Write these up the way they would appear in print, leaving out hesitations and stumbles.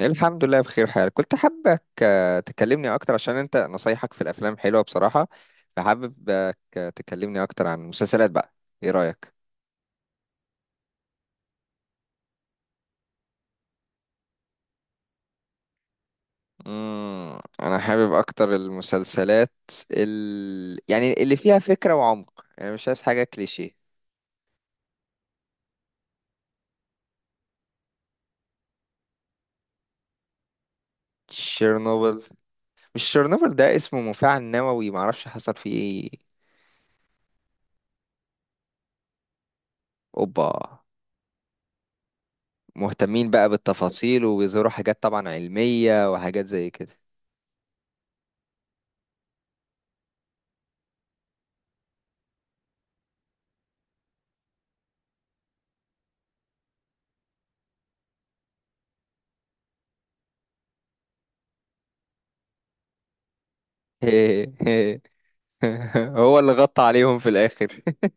الحمد لله، بخير حال. كنت حابك تكلمني اكتر عشان انت نصايحك في الافلام حلوة بصراحة. فحاببك تكلمني اكتر عن المسلسلات بقى. ايه رأيك؟ انا حابب اكتر المسلسلات، يعني اللي فيها فكرة وعمق. يعني مش عايز حاجة كليشيه. تشيرنوبل. مش تشيرنوبل؟ ده اسمه مفاعل نووي، معرفش حصل فيه ايه. اوبا. مهتمين بقى بالتفاصيل، وبيظهروا حاجات طبعا علمية وحاجات زي كده. هو اللي غطى عليهم في الاخر.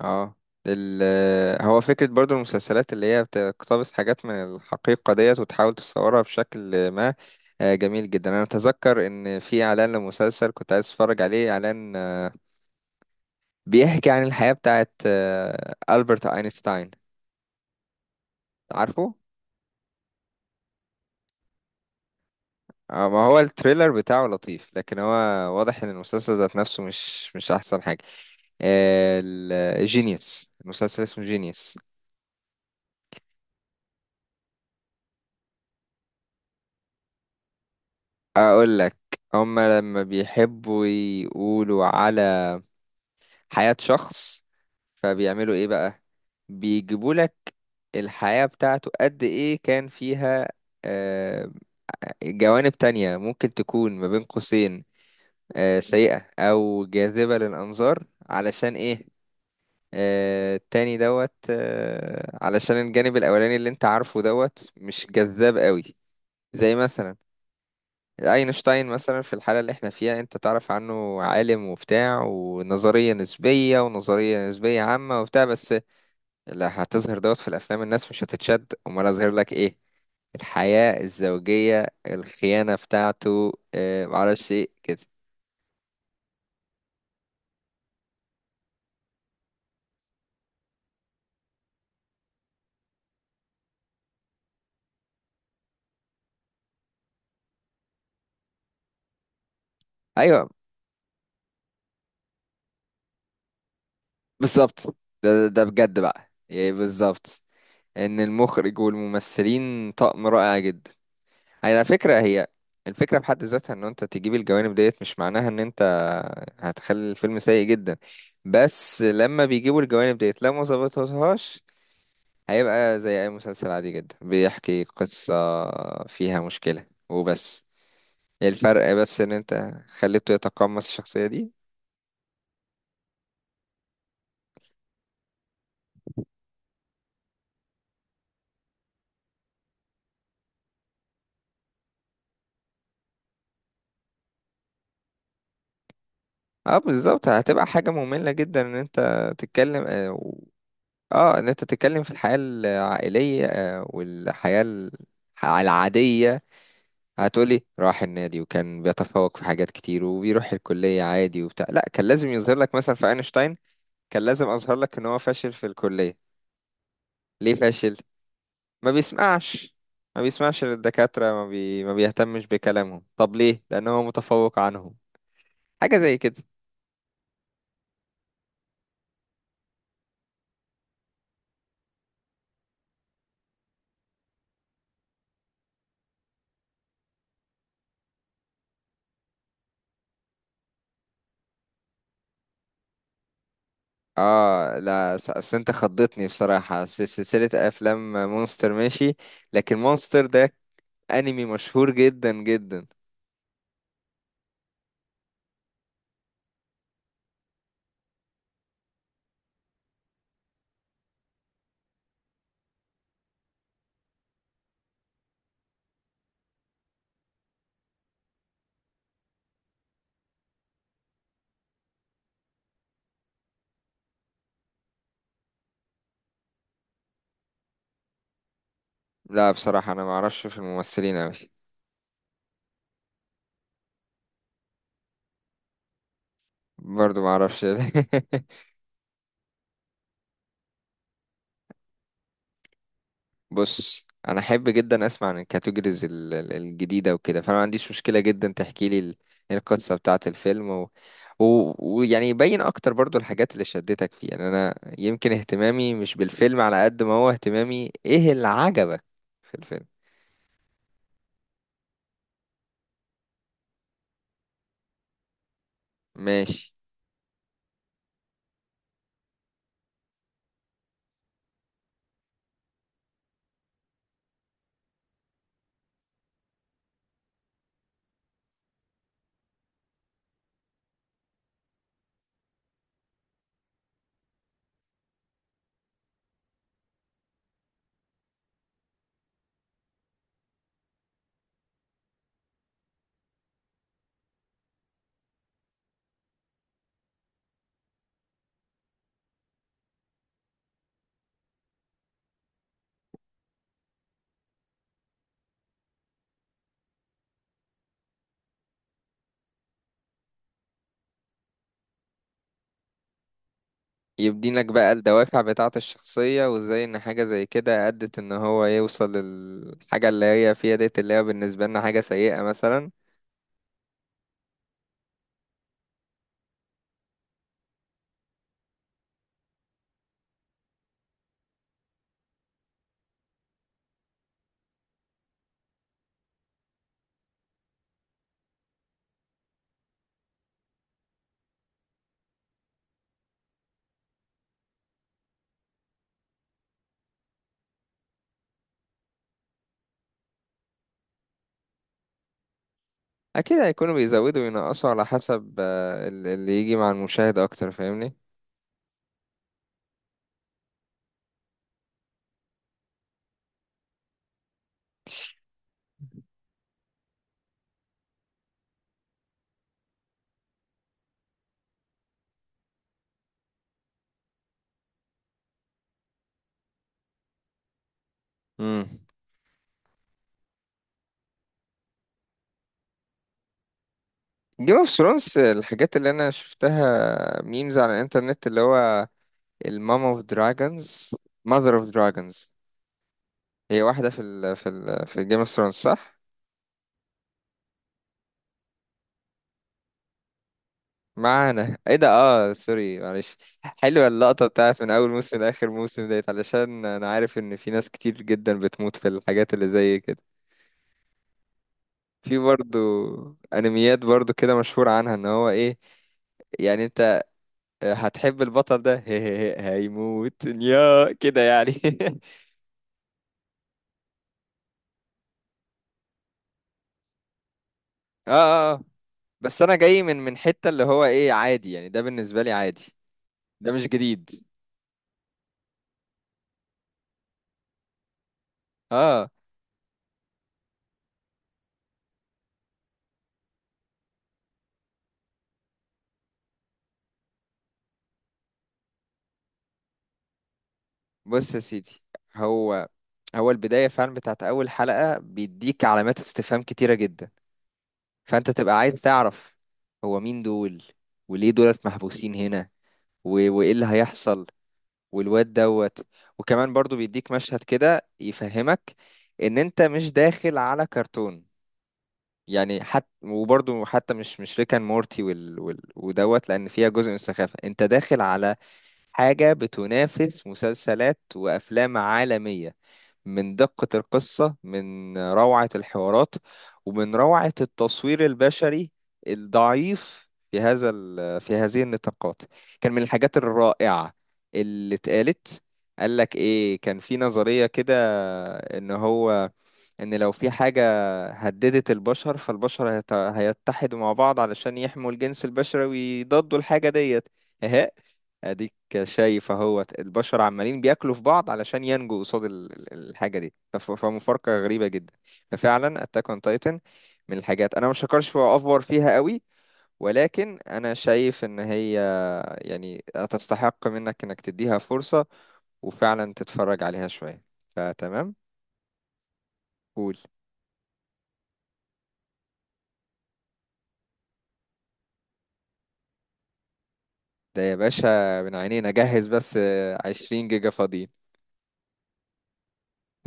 اه. ال آه، هو فكرة برضو المسلسلات اللي هي بتقتبس حاجات من الحقيقة ديت وتحاول تصورها بشكل ما. جميل جدا. انا اتذكر ان في اعلان لمسلسل كنت عايز اتفرج عليه، اعلان بيحكي عن الحياة بتاعت ألبرت اينشتاين. عارفه؟ ما هو التريلر بتاعه لطيف، لكن هو واضح ان المسلسل ذات نفسه مش احسن حاجة. جينيوس. المسلسل اسمه جينيوس. اقول لك. هما لما بيحبوا يقولوا على حياة شخص، فبيعملوا ايه بقى؟ بيجيبوا لك الحياة بتاعته قد ايه كان فيها آه، جوانب تانية ممكن تكون ما بين قوسين سيئة او جاذبة للانظار. علشان ايه؟ التاني دوت علشان الجانب الاولاني اللي انت عارفه دوت مش جذاب قوي. زي مثلا اينشتاين. مثلا في الحالة اللي احنا فيها انت تعرف عنه عالم وبتاع ونظرية نسبية ونظرية نسبية عامة وبتاع، بس لا هتظهر دوت في الافلام، الناس مش هتتشد. امال اظهر لك ايه؟ الحياة الزوجية، الخيانة بتاعته معرفش ايه كده. ايوه بالظبط. ده بجد بقى يعني بالظبط. ان المخرج والممثلين طقم رائع جدا. على فكرة هي الفكرة بحد ذاتها، ان انت تجيب الجوانب ديت مش معناها ان انت هتخلي الفيلم سيء جدا. بس لما بيجيبوا الجوانب ديت، لو ما ظبطتهاش هيبقى زي اي مسلسل عادي جدا بيحكي قصة فيها مشكلة وبس. الفرق بس ان انت خليته يتقمص الشخصية دي. اه بالظبط. هتبقى حاجة مملة جدا ان انت تتكلم، ان انت تتكلم في الحياة العائلية والحياة العادية. هتقولي راح النادي وكان بيتفوق في حاجات كتير وبيروح الكلية عادي وبتاع؟ لا، كان لازم يظهر لك مثلا في اينشتاين. كان لازم اظهر لك ان هو فاشل في الكلية. ليه فاشل؟ ما بيسمعش. ما بيسمعش للدكاترة، ما بيهتمش بكلامهم. طب ليه؟ لان هو متفوق عنهم. حاجة زي كده. اه لا، اصل انت خضتني بصراحة. سلسلة افلام مونستر ماشي. لكن مونستر ده انمي مشهور جدا جدا. لا بصراحة انا ما اعرفش في الممثلين اوي. برضو ما اعرفش. بص، انا احب جدا اسمع عن الكاتيجوريز الجديده وكده، فانا ما عنديش مشكله جدا تحكي لي القصه بتاعه الفيلم، ويعني و... ويعني يبين اكتر برضو الحاجات اللي شدتك فيه. يعني انا يمكن اهتمامي مش بالفيلم على قد ما هو اهتمامي ايه اللي عجبك في الفيلم. ماشي. يبدينك بقى الدوافع بتاعه الشخصيه، وازاي ان حاجه زي كده ادت ان هو يوصل للحاجه اللي هي فيها ديت، اللي هي بالنسبه لنا حاجه سيئه مثلا. اكيد هيكونوا بيزودوا وينقصوا على حسب اللي يجي مع المشاهد اكتر، فاهمني. امم. جيم اوف ثرونز. الحاجات اللي انا شفتها ميمز على الانترنت اللي هو المام اوف دراجونز، ماذر اوف دراجونز. هي واحده في جيم اوف ثرونز، صح؟ معانا؟ ايه ده، اه سوري معلش. حلوه اللقطه بتاعت من اول موسم لاخر موسم ديت، علشان انا عارف ان في ناس كتير جدا بتموت في الحاجات اللي زي كده. في برضو انميات برضو كده مشهور عنها ان هو ايه، يعني انت هتحب البطل ده هيموت يا كده يعني. اه، اه، آه. بس انا جاي من حتة اللي هو ايه عادي، يعني ده بالنسبة لي عادي. ده مش جديد. اه. بص يا سيدي. هو هو البداية فعلا بتاعت اول حلقة بيديك علامات استفهام كتيرة جدا. فانت تبقى عايز تعرف هو مين دول، وليه دولت محبوسين هنا، وايه اللي هيحصل، والواد دوت. وكمان برضو بيديك مشهد كده يفهمك ان انت مش داخل على كرتون. يعني حتى وبرضو حتى مش ريكان مورتي ودوت، لان فيها جزء من السخافة. انت داخل على حاجة بتنافس مسلسلات وافلام عالمية، من دقة القصة، من روعة الحوارات، ومن روعة التصوير البشري. الضعيف في هذا في هذه النطاقات. كان من الحاجات الرائعة اللي اتقالت. قال لك ايه؟ كان في نظرية كده، ان هو ان لو في حاجة هددت البشر، فالبشر هيتحدوا مع بعض علشان يحموا الجنس البشري ويضادوا الحاجة ديت. اهي، اديك شايف اهوت البشر عمالين بياكلوا في بعض علشان ينجوا قصاد الحاجة دي. فمفارقة غريبة جدا. ففعلا اتاك اون تايتن من الحاجات انا مش هكرش وافور فيها قوي، ولكن انا شايف ان هي يعني تستحق منك انك تديها فرصة وفعلا تتفرج عليها شوية. فتمام. قول. ده يا باشا من عينينا. جهز بس. 20 جيجا فاضيين.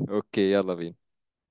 اوكي يلا بينا.